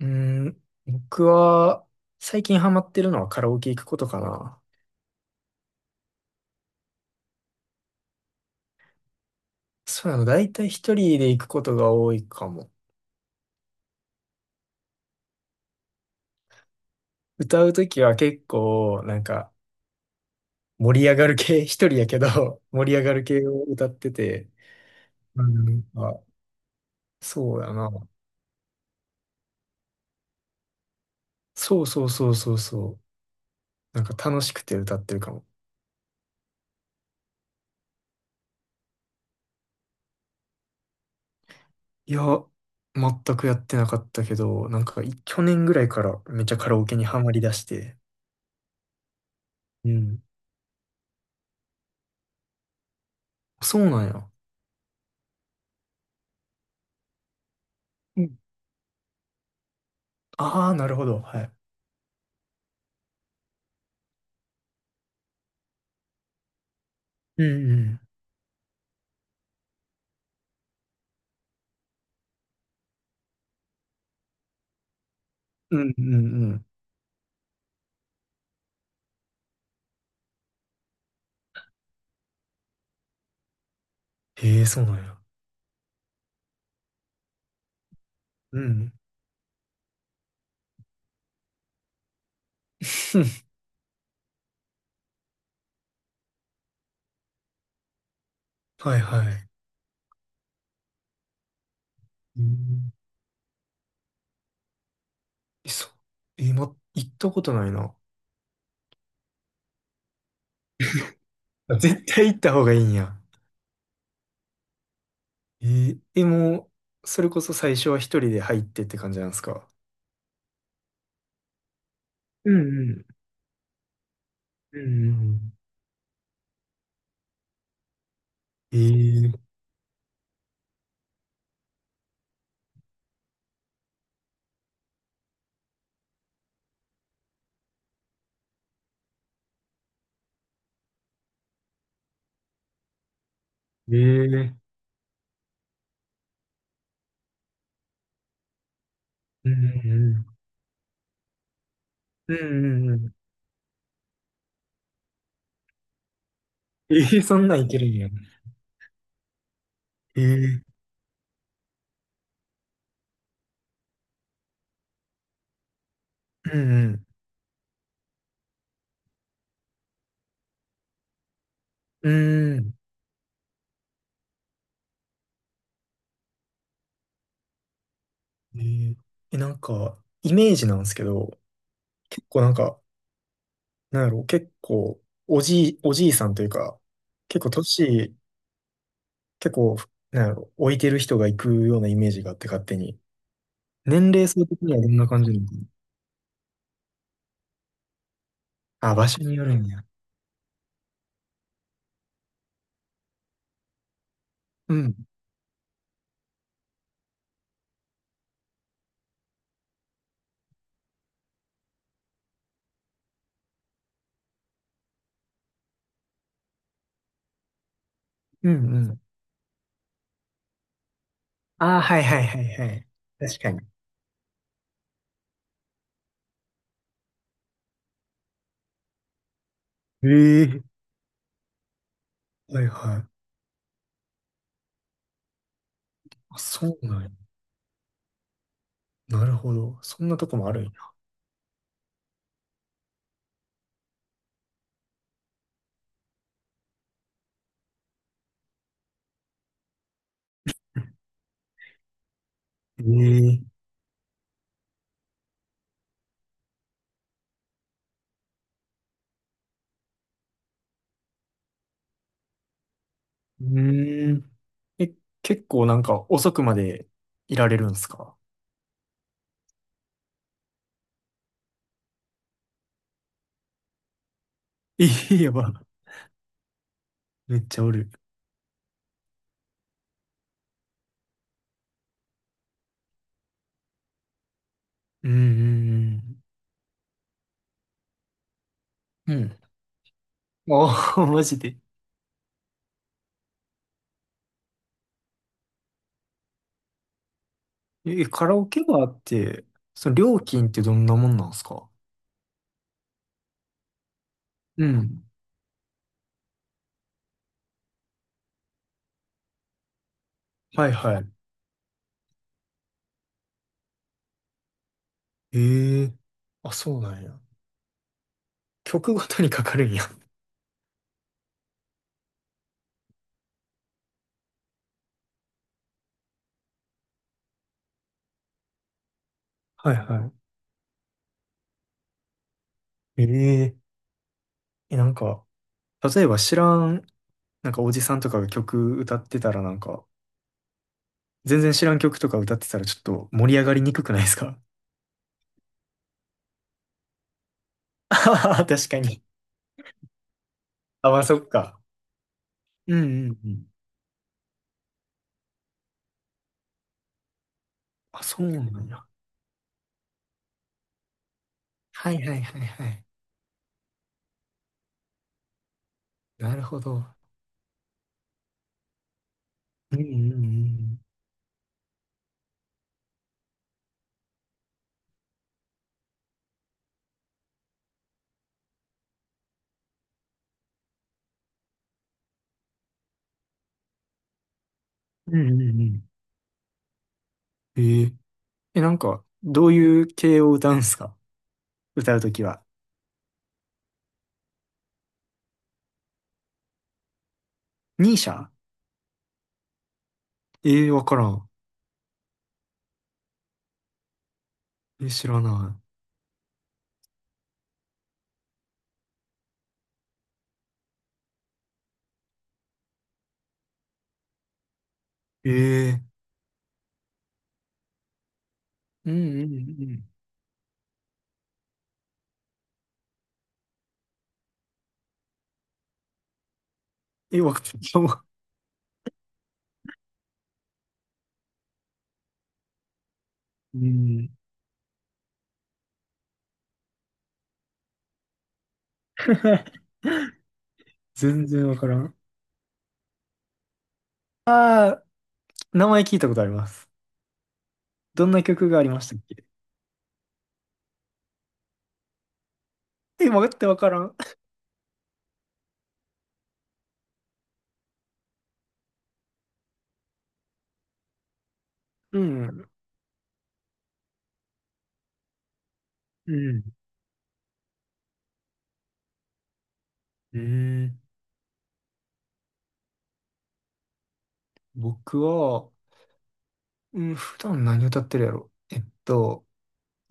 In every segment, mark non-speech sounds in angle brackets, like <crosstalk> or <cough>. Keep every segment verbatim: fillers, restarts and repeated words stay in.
うーん、僕は最近ハマってるのはカラオケ行くことかな。そうなの、だいたい一人で行くことが多いかも。歌うときは結構、なんか、盛り上がる系、<laughs> 一人やけど、盛り上がる系を歌ってて、うんあ、そうやな。そうそうそうそうそう。なんか楽しくて歌ってるかも。いや、全くやってなかったけど、なんかい去年ぐらいからめっちゃカラオケにハマりだして。うん。そうなんや。うんああ、なるほど。はい。うんうん。うんうんうん。へえ、そうなんや。うん。<laughs> はいはい。うんえそう。え、ま、行ったことないな。あ、絶対行った方がいいんや。えー、え、もう、それこそ最初は一人で入ってって感じなんですか？うんうん。うんうんうん。えー、えー、うんうんうんうん。うんうん。えー、そんなんいけるんや。えー、うんうん。うん。うん。えー、え、なんか、イメージなんですけど、結構なんか、なんやろう、結構、おじい、おじいさんというか、結構年、結構、なんやろう、置いてる人が行くようなイメージがあって、勝手に。年齢層的にはどんな感じなのか？なあ、場所によるんや。うん。うんうん。ああ、はいはいはいはい。確かに。ええ。はいはい。あ、そうなんや。なるほど。そんなとこもあるんや。<laughs> ええ。うーん。え、結構なんか遅くまでいられるんすか？ええ。やば。めっちゃおる。うんうんうん。うん。ああ、<laughs> マジで。え、カラオケバーって、その料金ってどんなもんなんすか？うん。はいはい。ええ。あ、そうなんや。曲ごとにかかるんや。<laughs> はいはい。えええ、なんか、例えば知らん、なんかおじさんとかが曲歌ってたらなんか、全然知らん曲とか歌ってたらちょっと盛り上がりにくくないですか？あはは <laughs> 確かに。あ、まあ、そっか。うんうんうん。あ、そうなんや。はいはいはいはい。なるほど。うんうんうん。うんうんうん。えー、え、なんか、どういう系を歌うんすか？歌うときは。ニーシャ？ええー、わからん。え、知らない。ええー、うんうんうん。え、わかんない。うん。<laughs> 全然わからん。ああ、名前聞いたことあります。どんな曲がありましたっけ？え、わかって、わからん。うん。うん。うん。僕は、うん、普段何歌ってるやろ。えっと、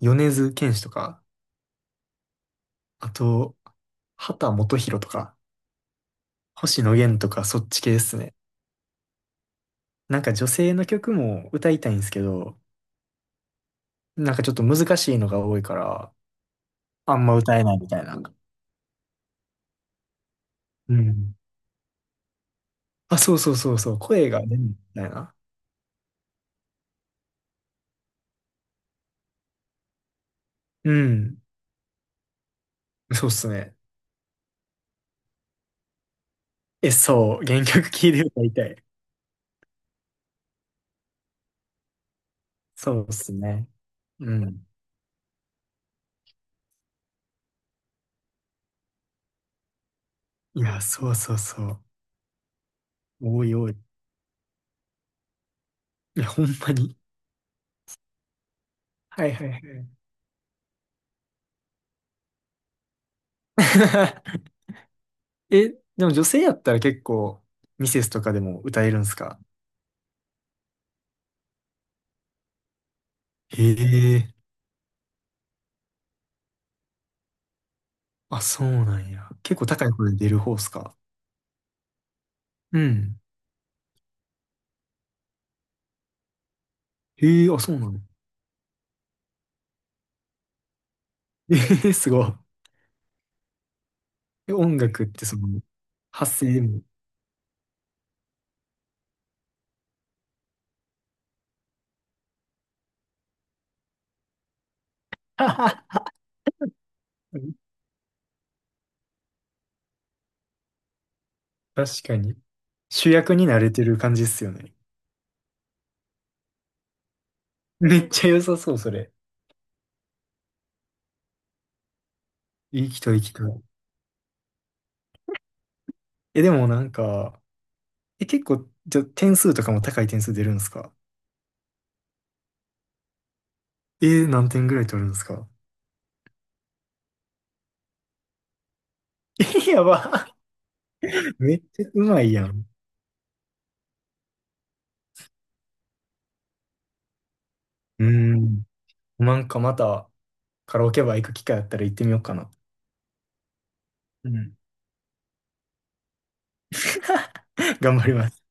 米津玄師とか、あと、秦基博とか。星野源とかそっち系ですね。なんか女性の曲も歌いたいんですけど、なんかちょっと難しいのが多いから、あんま歌えないみたいな。うん。あ、そうそうそうそう、声が出ないみたいな。うん。そうっすね。え、そう、原曲聴いて歌いたい。そうっすね。うん。いや、そうそうそう。多い多い。いや、ほんまに。はいはいはい。<laughs> え、でも女性やったら結構、ミセスとかでも歌えるんすか？へえ。あ、そうなんや。結構高い声で出る方っすか？うん。へえ、あ、そうなの。ええ、<laughs> すごい。え、音楽ってその、発声でも。<laughs> はは。確かに。主役に慣れてる感じっすよね。めっちゃ良さそう、それ。行きたい、行きたい。え、でもなんか、え、結構、じゃ、点数とかも高い点数出るんですか？えー、何点ぐらい取るんですか？え、やば。<laughs> めっちゃうまいやん。うーん。なんかまた、カラオケバー行く機会あったら行ってみようかな。うん。頑張ります。